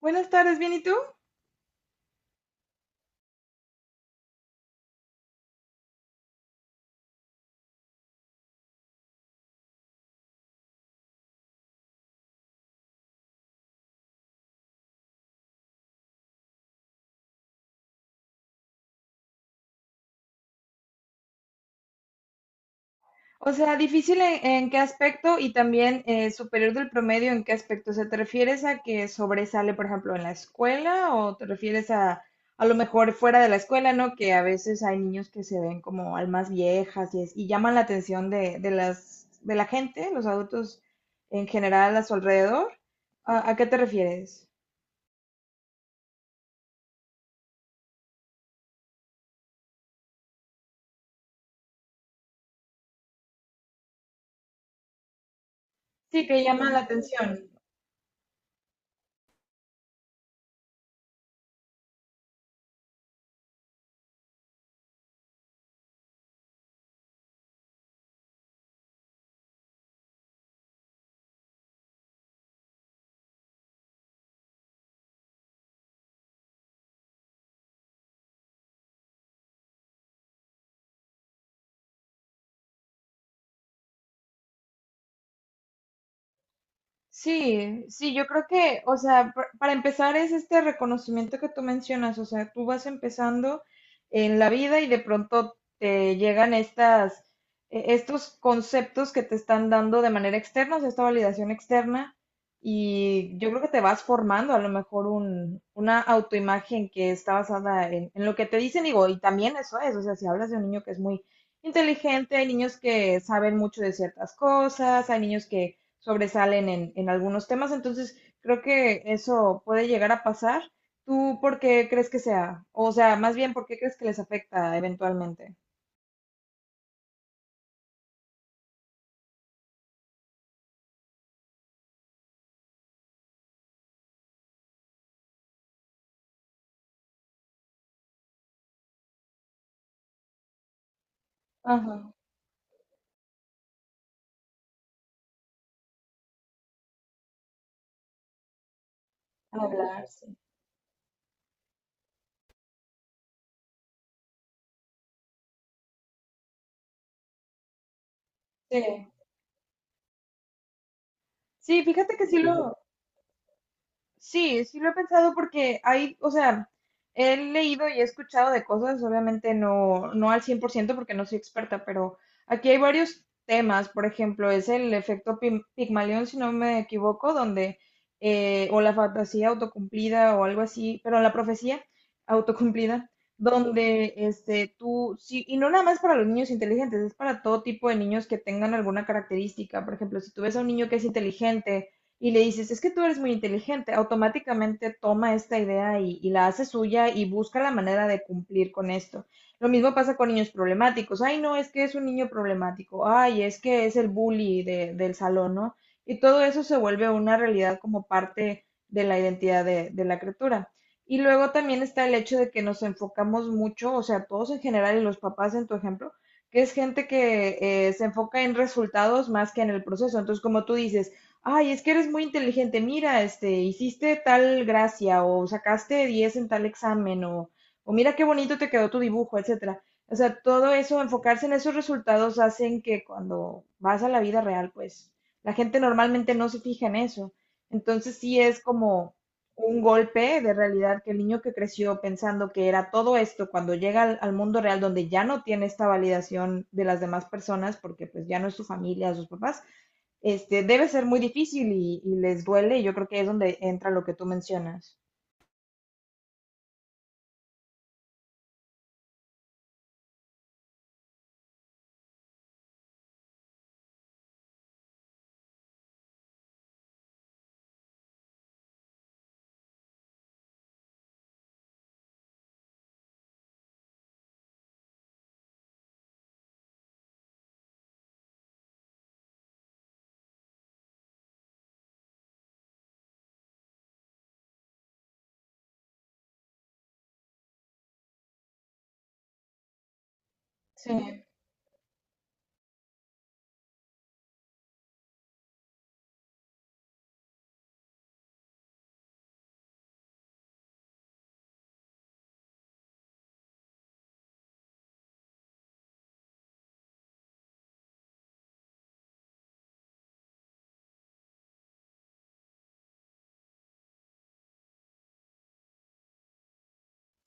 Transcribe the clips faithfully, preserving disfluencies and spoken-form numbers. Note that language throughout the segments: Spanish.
Buenas tardes, ¿bien y tú? O sea, difícil en, en qué aspecto y también eh, superior del promedio en qué aspecto. O sea, ¿te refieres a que sobresale, por ejemplo, en la escuela o te refieres a a lo mejor fuera de la escuela, ¿no? Que a veces hay niños que se ven como almas viejas y, es- y llaman la atención de, de las, de la gente, los adultos en general a su alrededor. ¿A, a qué te refieres? Sí, que llaman la atención. Sí, sí, yo creo que, o sea, pa- para empezar es este reconocimiento que tú mencionas, o sea, tú vas empezando en la vida y de pronto te llegan estas, eh, estos conceptos que te están dando de manera externa, o sea, esta validación externa, y yo creo que te vas formando a lo mejor un, una autoimagen que está basada en, en lo que te dicen, digo, y también eso es, o sea, si hablas de un niño que es muy inteligente, hay niños que saben mucho de ciertas cosas, hay niños que sobresalen en, en algunos temas, entonces creo que eso puede llegar a pasar. ¿Tú por qué crees que sea? O sea, más bien, ¿por qué crees que les afecta eventualmente? Ajá, hablar, sí. Sí, sí, fíjate que sí lo. Sí, sí lo he pensado porque hay, o sea, he leído y he escuchado de cosas, obviamente no, no al cien por ciento porque no soy experta, pero aquí hay varios temas, por ejemplo, es el efecto Pim- Pigmalión, si no me equivoco, donde, eh, o la fantasía autocumplida o algo así, pero la profecía autocumplida, donde este, tú, sí, y no nada más para los niños inteligentes, es para todo tipo de niños que tengan alguna característica, por ejemplo, si tú ves a un niño que es inteligente, y le dices, es que tú eres muy inteligente, automáticamente toma esta idea y, y la hace suya y busca la manera de cumplir con esto. Lo mismo pasa con niños problemáticos. Ay, no, es que es un niño problemático. Ay, es que es el bully de- del salón, ¿no? Y todo eso se vuelve una realidad como parte de la identidad de, de la criatura. Y luego también está el hecho de que nos enfocamos mucho, o sea, todos en general y los papás en tu ejemplo, que es gente que eh, se enfoca en resultados más que en el proceso. Entonces, como tú dices, ay, es que eres muy inteligente, mira, este, hiciste tal gracia o sacaste diez en tal examen o, o mira qué bonito te quedó tu dibujo, etcétera. O sea, todo eso, enfocarse en esos resultados hacen que cuando vas a la vida real, pues la gente normalmente no se fija en eso. Entonces sí es como un golpe de realidad que el niño que creció pensando que era todo esto, cuando llega al, al mundo real donde ya no tiene esta validación de las demás personas, porque pues ya no es su familia, sus papás, este, debe ser muy difícil y, y les duele y yo creo que es donde entra lo que tú mencionas. Sí,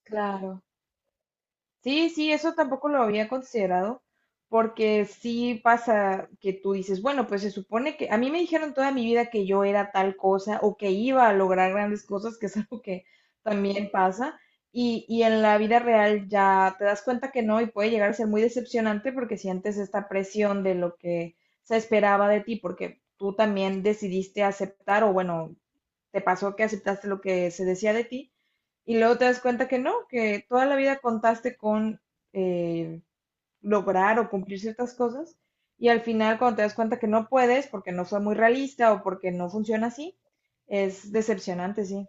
claro. Sí, sí, eso tampoco lo había considerado, porque sí pasa que tú dices, bueno, pues se supone que a mí me dijeron toda mi vida que yo era tal cosa o que iba a lograr grandes cosas, que es algo que también pasa, y, y en la vida real ya te das cuenta que no y puede llegar a ser muy decepcionante porque sientes esta presión de lo que se esperaba de ti, porque tú también decidiste aceptar o bueno, te pasó que aceptaste lo que se decía de ti y luego te das cuenta que no, que toda la vida contaste con eh, lograr o cumplir ciertas cosas y al final cuando te das cuenta que no puedes porque no fue muy realista o porque no funciona así, es decepcionante, sí.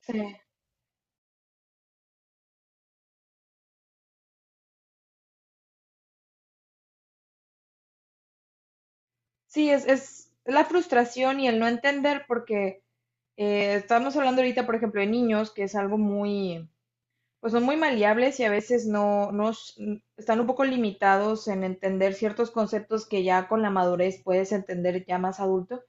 Sí, sí, es, es la frustración y el no entender porque eh, estamos hablando ahorita, por ejemplo, de niños, que es algo muy pues son muy maleables y a veces no, no s- están un poco limitados en entender ciertos conceptos que ya con la madurez puedes entender ya más adulto,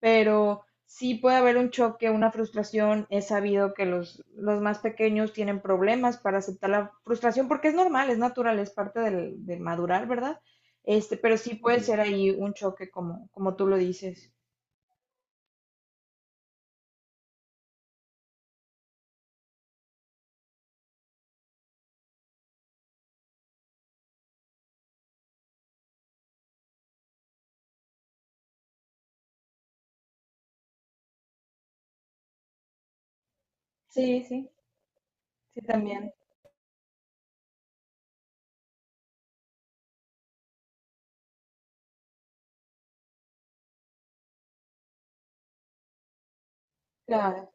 pero sí puede haber un choque, una frustración. Es sabido que los, los más pequeños tienen problemas para aceptar la frustración porque es normal, es natural, es parte del, del madurar, ¿verdad? Este, pero sí puede ser ahí un choque como, como tú lo dices. Sí, sí, sí, también. Claro.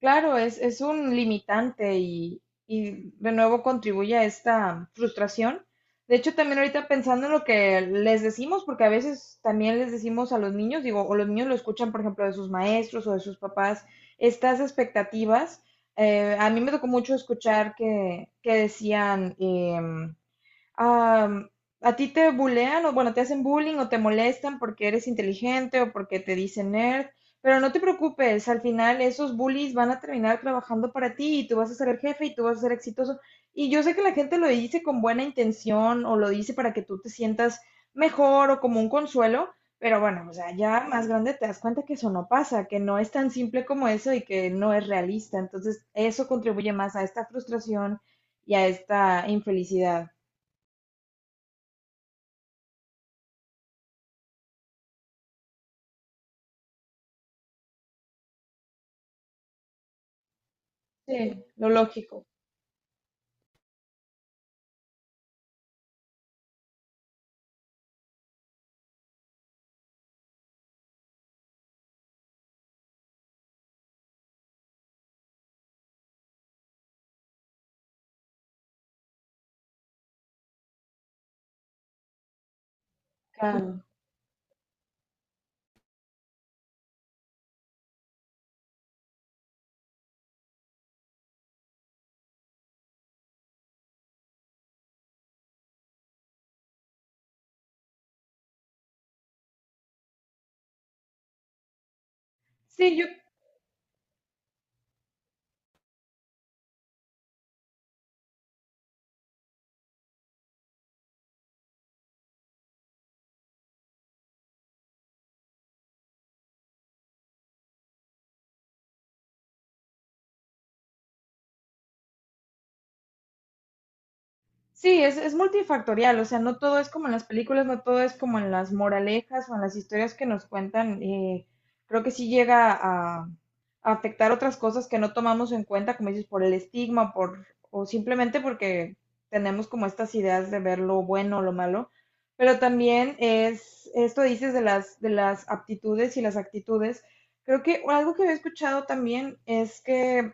Claro, es, es un limitante y, y de nuevo contribuye a esta frustración. De hecho, también ahorita pensando en lo que les decimos, porque a veces también les decimos a los niños, digo, o los niños lo escuchan, por ejemplo, de sus maestros o de sus papás, estas expectativas. Eh, a mí me tocó mucho escuchar que, que decían, em, am, ¿a ti te bulean o bueno, te hacen bullying o te molestan porque eres inteligente o porque te dicen nerd? Pero no te preocupes, al final esos bullies van a terminar trabajando para ti y tú vas a ser el jefe y tú vas a ser exitoso. Y yo sé que la gente lo dice con buena intención o lo dice para que tú te sientas mejor o como un consuelo, pero bueno, o sea, ya más grande te das cuenta que eso no pasa, que no es tan simple como eso y que no es realista. Entonces, eso contribuye más a esta frustración y a esta infelicidad. Sí, lo lógico, claro. Sí, yo, sí, es, es multifactorial, o sea, no todo es como en las películas, no todo es como en las moralejas o en las historias que nos cuentan. Eh, creo que sí llega a, a afectar otras cosas que no tomamos en cuenta, como dices, por el estigma, por, o simplemente porque tenemos como estas ideas de ver lo bueno o lo malo. Pero también es, esto dices de las, de las aptitudes y las actitudes. Creo que algo que he escuchado también es que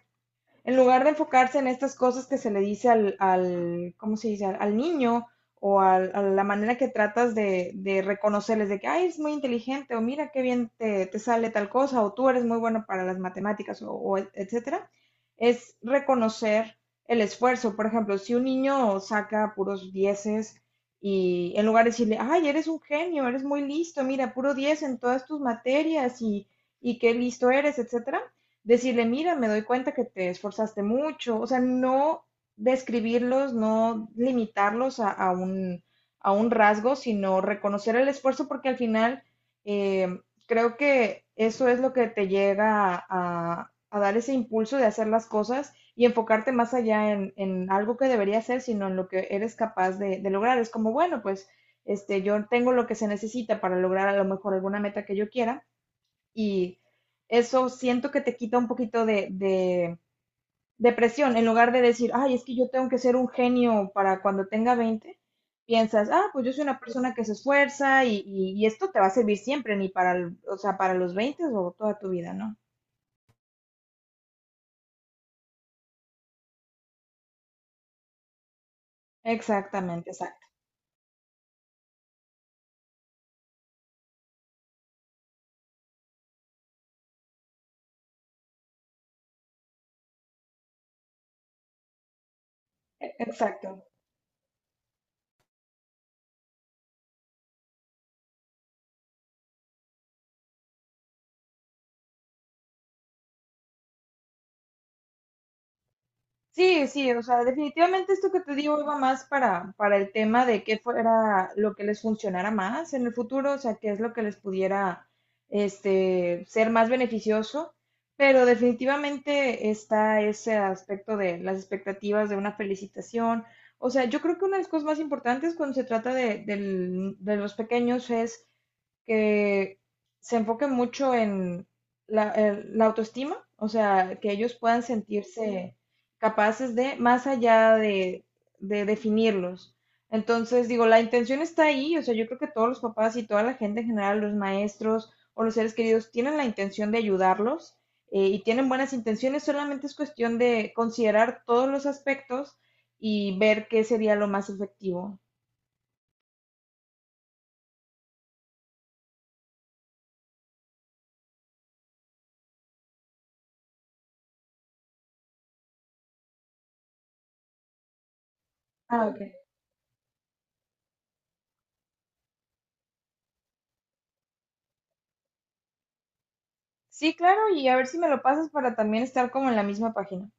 en lugar de enfocarse en estas cosas que se le dice al, al ¿cómo se dice? Al, al niño o al- a la manera que tratas de, de reconocerles de que, ay, es muy inteligente o mira qué bien te, te sale tal cosa o tú eres muy bueno para las matemáticas o, o et- etcétera, es reconocer el esfuerzo. Por ejemplo, si un niño saca puros dieces y en lugar de decirle, ay, eres un genio, eres muy listo, mira, puro diez en todas tus materias y, y qué listo eres, etcétera, decirle, mira, me doy cuenta que te esforzaste mucho, o sea, no describirlos, no limitarlos a, a un, a un rasgo, sino reconocer el esfuerzo porque al final eh, creo que eso es lo que te llega a, a- a dar ese impulso de hacer las cosas y enfocarte más allá en, en algo que debería hacer sino en lo que eres capaz de, de lograr. Es como, bueno, pues este, yo tengo lo que se necesita para lograr a lo mejor alguna meta que yo quiera y eso siento que te quita un poquito de, de, de presión. En lugar de decir, ay, es que yo tengo que ser un genio para cuando tenga veinte piensas, ah, pues yo soy una persona que se esfuerza y, y- y esto te va a servir siempre, ni para, el- o sea, para los veinte o toda tu vida, ¿no? Exactamente, exacto. e, Exacto. Sí, sí, o sea, definitivamente esto que te digo iba más para, para el tema de qué fuera lo que les funcionara más en el futuro, o sea, qué es lo que les pudiera este, ser más beneficioso, pero definitivamente está ese aspecto de las expectativas de una felicitación. O sea, yo creo que una de las cosas más importantes cuando se trata de, del- de los pequeños es que se enfoque mucho en la, el- la autoestima, o sea, que ellos puedan sentirse capaces de, más allá de, de definirlos. Entonces, digo, la intención está ahí, o sea, yo creo que todos los papás y toda la gente en general, los maestros o los seres queridos, tienen la intención de ayudarlos eh, y tienen buenas intenciones, solamente es cuestión de considerar todos los aspectos y ver qué sería lo más efectivo. Ah, ok. Sí, claro, y a ver si me lo pasas para también estar como en la misma página.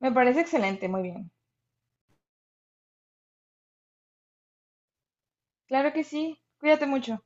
Me parece excelente, muy bien. Claro que sí, cuídate mucho.